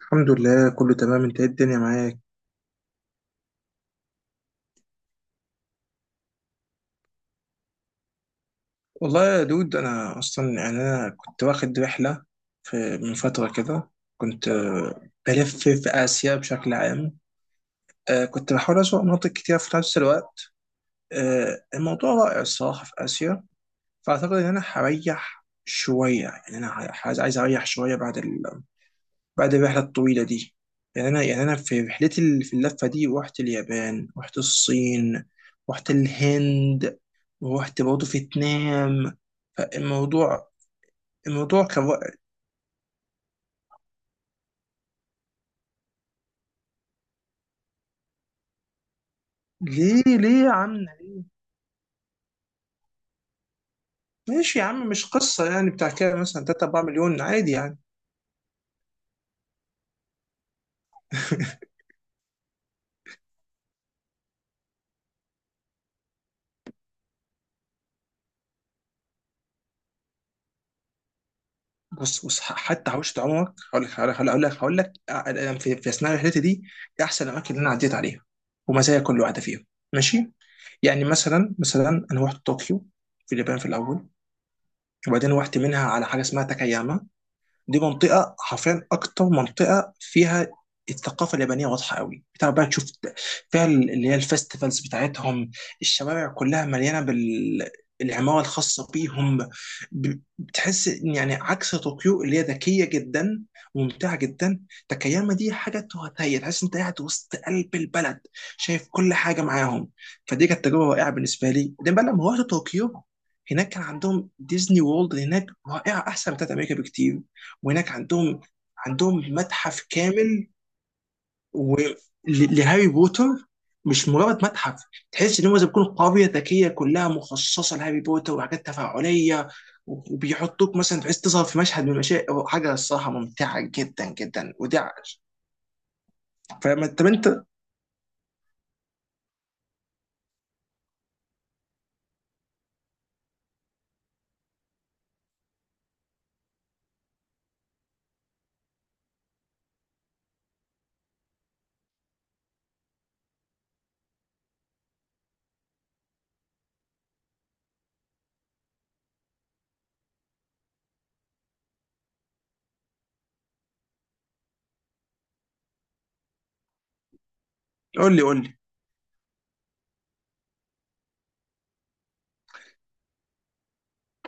الحمد لله كله تمام. انت ايه الدنيا معاك؟ والله يا دود انا اصلا يعني كنت واخد رحله في من فتره كده. كنت بلف في اسيا بشكل عام. كنت بحاول اسوق مناطق كتير في نفس الوقت. الموضوع رائع الصراحه في اسيا. فاعتقد ان انا هريح شويه. يعني عايز اريح شويه بعد الرحلة الطويلة دي. يعني أنا في في اللفة دي رحت اليابان، رحت الصين، رحت الهند، ورحت برضه فيتنام. فالموضوع الموضوع كان وقت. ليه يا عم؟ ماشي يا عم، مش قصة يعني بتاع كده مثلا 3 4 مليون عادي يعني. بص حتى حوشت عمرك، هقول لك أنا في أثناء رحلتي دي إيه أحسن الأماكن اللي أنا عديت عليها ومزايا كل واحدة فيهم. ماشي. يعني مثلا انا رحت طوكيو في اليابان في الاول، وبعدين رحت منها على حاجه اسمها تاكاياما. دي منطقه حرفيا اكتر منطقه فيها الثقافه اليابانيه واضحه قوي. بتعرف بقى تشوف فيها اللي هي الفستيفالز بتاعتهم، الشوارع كلها مليانه بال العمارة الخاصة بيهم. بتحس إن يعني عكس طوكيو اللي هي ذكية جدا وممتعة جدا، تاكاياما دي حاجة تهتهي. تحس انت قاعد وسط قلب البلد، شايف كل حاجة معاهم. فدي كانت تجربة رائعة بالنسبة لي. ده بقى لما رحت طوكيو، هناك كان عندهم ديزني وورلد هناك رائعة، أحسن من بتاعت أمريكا بكتير. وهناك عندهم متحف كامل و... لهاري بوتر. مش مجرد متحف، تحس ان هم زي ما بيكون قريه ذكيه كلها مخصصه لهاري بوتر، وحاجات تفاعليه وبيحطوك مثلا تحس تظهر في مشهد من المشاهد. حاجه الصراحه ممتعه جدا جدا. ودي فما طب انت؟ قول لي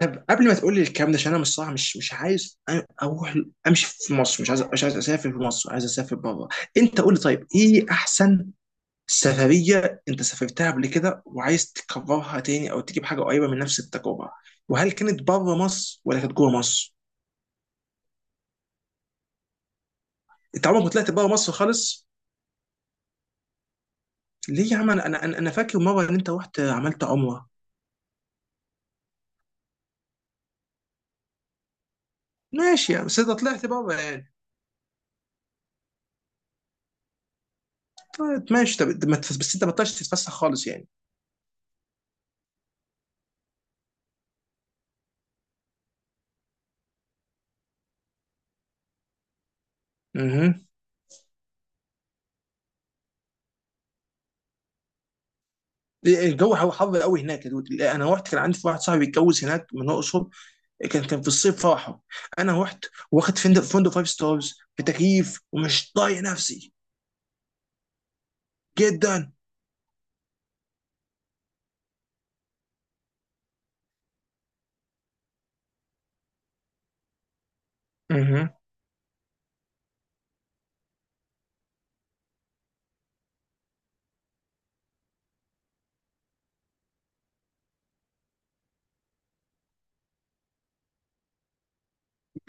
طب قبل ما تقول لي الكلام ده، عشان انا مش صح، مش اروح امشي في مصر. مش عايز، اسافر في مصر، عايز اسافر بره. انت قول لي طيب ايه احسن سفرية أنت سافرتها قبل كده وعايز تكررها تاني، أو تجيب حاجة قريبة من نفس التجربة؟ وهل كانت بره مصر ولا كانت جوه مصر؟ أنت عمرك ما طلعت بره مصر خالص؟ ليه يا عم؟ أنا فاكر مرة إن أنت رحت عملت عمرة. ماشي يعني بس أنت طلعت بره يعني. طلعت ماشي. طب ما بس أنت ما طلعتش تتفسح خالص يعني. اها. إيه، الجو هو حر قوي هناك يا دود. انا رحت كان عندي واحد صاحبي اتجوز هناك من الاقصر، كان في الصيف فرحه. انا رحت واخد فندق فايف ستارز بتكييف ومش طايق نفسي جدا. مهم.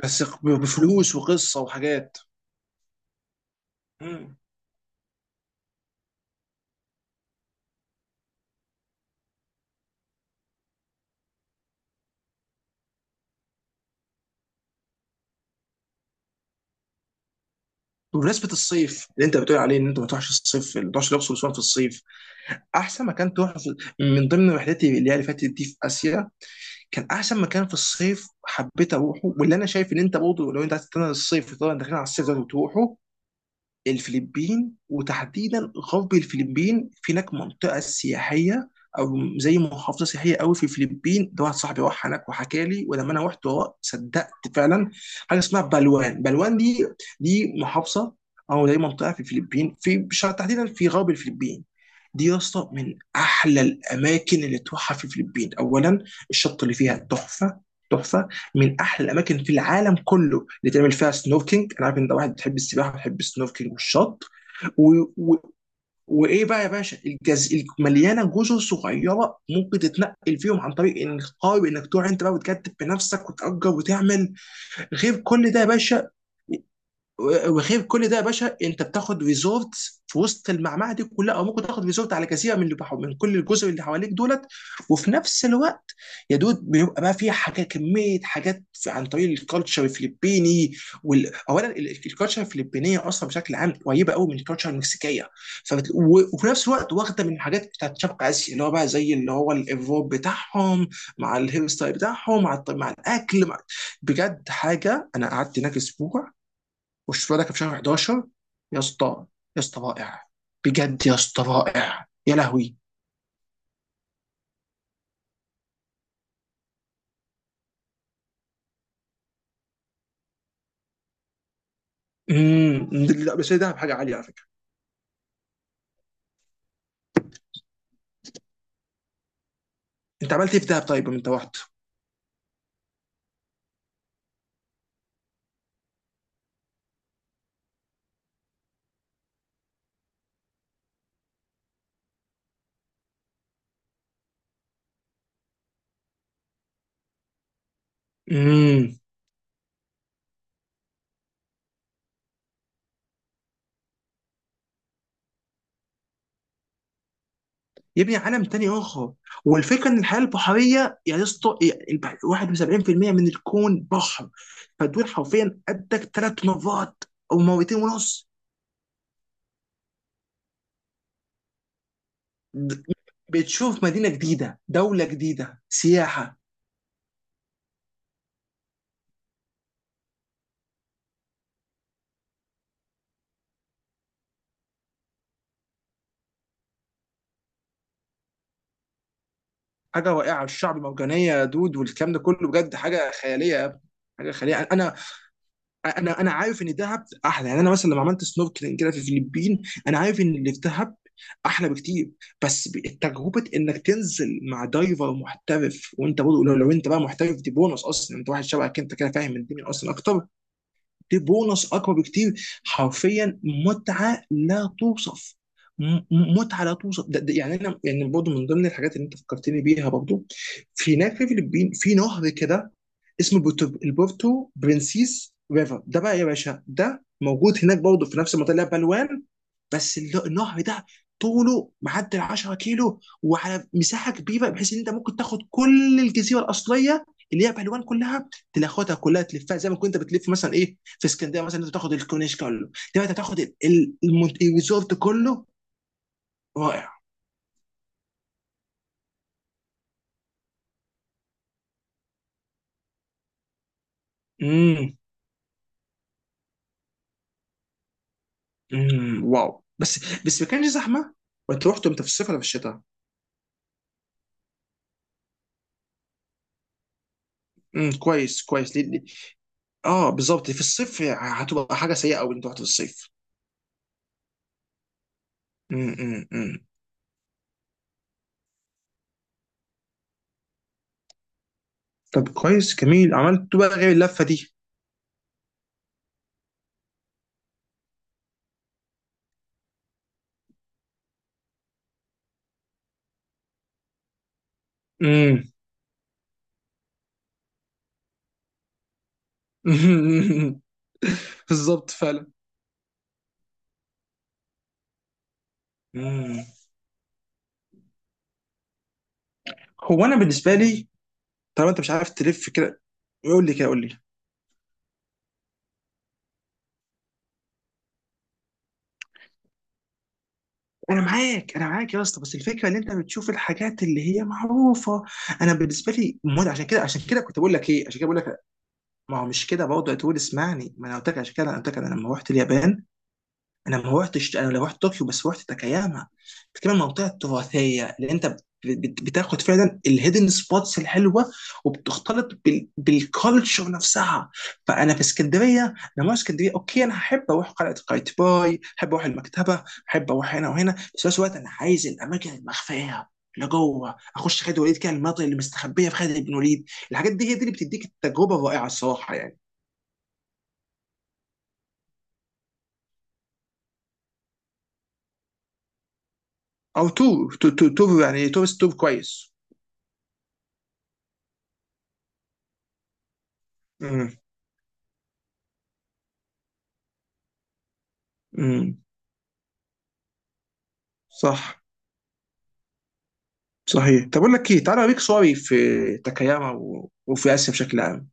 بس بفلوس وقصه وحاجات. مم. بمناسبة الصيف اللي انت بتقول عليه ان انت ما تروحش الصيف، ما تروحش الاقصر واسوان في الصيف، احسن مكان تروح في من ضمن رحلتي اللي هي اللي فاتت دي في اسيا، كان احسن مكان في الصيف حبيت اروحه، واللي انا شايف ان انت برضه لو انت عايز تستنى الصيف، طبعا داخلين على الصيف لازم تروحه: الفلبين. وتحديدا غرب الفلبين، في هناك منطقه سياحيه او زي محافظه سياحيه قوي في الفلبين. ده واحد صاحبي راح هناك وحكى لي، ولما انا رحت صدقت فعلا. حاجه اسمها بلوان. بلوان دي دي محافظه او زي منطقه في الفلبين، تحديدا في غرب الفلبين. دي يا اسطى من احلى الاماكن اللي تروحها في الفلبين. اولا الشط اللي فيها تحفه، تحفه. من احلى الاماكن في العالم كله اللي تعمل فيها سنوركينج. انا عارف ان ده واحد بتحب السباحه وبتحب السنوركينج والشط. و... و... وايه بقى يا باشا؟ مليانه جزر صغيره ممكن تتنقل فيهم عن طريق انك قارب، انك تروح انت بقى وتكتب بنفسك وتأجر وتعمل. غير كل ده يا باشا وغير كل ده يا باشا، انت بتاخد ريزورت في وسط المعمعه دي كلها، او ممكن تاخد ريزورت على جزيره من من كل الجزر اللي حواليك دولت. وفي نفس الوقت يا دود، بيبقى بقى فيها حاجات، كميه حاجات عن طريق الكالتشر الفلبيني. اولا الكالتشر الفلبينيه اصلا بشكل عام قريبه قوي من الكالتشر المكسيكيه. وفي نفس الوقت واخده من الحاجات بتاعت شرق اسيا، اللي هو بقى زي اللي هو الروب بتاعهم مع الهيرستايل بتاعهم، مع الاكل مع... بجد حاجه انا قعدت هناك اسبوع. والشفاء ده كان في شهر 11 يا اسطى. رائع. بجد يا اسطى رائع يا لهوي. امم، لا بس ده بحاجه عاليه على فكره. انت عملت ايه في دهب طيب لما انت رحت؟ امم. يبني عالم تاني اخر. والفكره ان الحياه البحريه يا اسطى، 71% من الكون بحر. فدول حرفيا قدك 3 مرات او 2.5 مرة. د- بتشوف مدينه جديده، دوله جديده، سياحه. حاجه رائعه الشعب مرجانيه يا دود، والكلام ده كله بجد حاجه خياليه يا ابني. حاجه خياليه يعني انا عارف ان دهب احلى. يعني انا مثلا لما عملت سنوركلينج كده في الفلبين، انا عارف ان اللي في دهب احلى بكتير. بس تجربه انك تنزل مع دايفر محترف وانت برضه لو انت بقى محترف، دي بونص. اصلا انت واحد شبهك انت كده فاهم الدنيا اصلا اكتر، دي بونص اقوى بكتير حرفيا. متعه لا توصف. م- متعه لا توصف. ده يعني انا يعني برضه من ضمن الحاجات اللي انت فكرتني بيها برضه في هناك في الفلبين، في نهر كده اسمه البورتو برنسيس ريفر. ده بقى يا باشا ده موجود هناك برضه في نفس المنطقه اللي هي بلوان. بس النهر ده طوله معدي ال 10 كيلو، وعلى مساحه كبيره بحيث ان انت ممكن تاخد كل الجزيره الاصليه اللي هي بهلوان كلها، تاخدها كلها تلفها زي ما كنت بتلف مثلا ايه في اسكندريه. مثلا انت بتاخد الكورنيش كله، دلوقتي انت بتاخد الريزورت كله. رائع. امم. واو. بس ما كانش زحمه. وانت رحت امتى، في الصيف ولا في الشتاء؟ امم، كويس كويس. اه بالظبط، في الصيف هتبقى حاجه سيئه قوي انت رحت في الصيف. امم. امم. طب كويس جميل، عملت بقى غير اللفه دي؟ امم. بالظبط فعلا. مم. هو انا بالنسبه لي طالما انت مش عارف تلف كده، يقول لي كده، قول لي. انا معاك، يا اسطى، بس الفكره ان انت بتشوف الحاجات اللي هي معروفه. انا بالنسبه لي مود. عشان كده، كنت بقول لك ايه، عشان كده بقول لك: ما هو مش كده برضه. تقول اسمعني، ما انا قلت لك، عشان كده انا قلت لك انا لما رحت اليابان، انا ما روحتش، انا لو رحت طوكيو بس، روحت تاكاياما. بتكلم عن المنطقه التراثيه اللي انت بتاخد فعلا الهيدن سبوتس الحلوه، وبتختلط بالكالتشر نفسها. فانا في اسكندريه، انا ما أروح اسكندريه. اوكي، انا هحب اروح قلعه قايتباي، احب اروح المكتبه، احب اروح هنا وهنا، بس في نفس الوقت انا عايز الاماكن المخفيه اللي جوه اخش خالد وليد كده، المناطق اللي مستخبيه في خالد بن وليد. الحاجات دي هي دي اللي بتديك التجربه الرائعه الصراحه يعني. او تو يعني تورست تو كويس. امم. صح. صحيح. طب اقول لك ايه، تعالى اوريك صوري في تاكاياما وفي اسيا بشكل عام.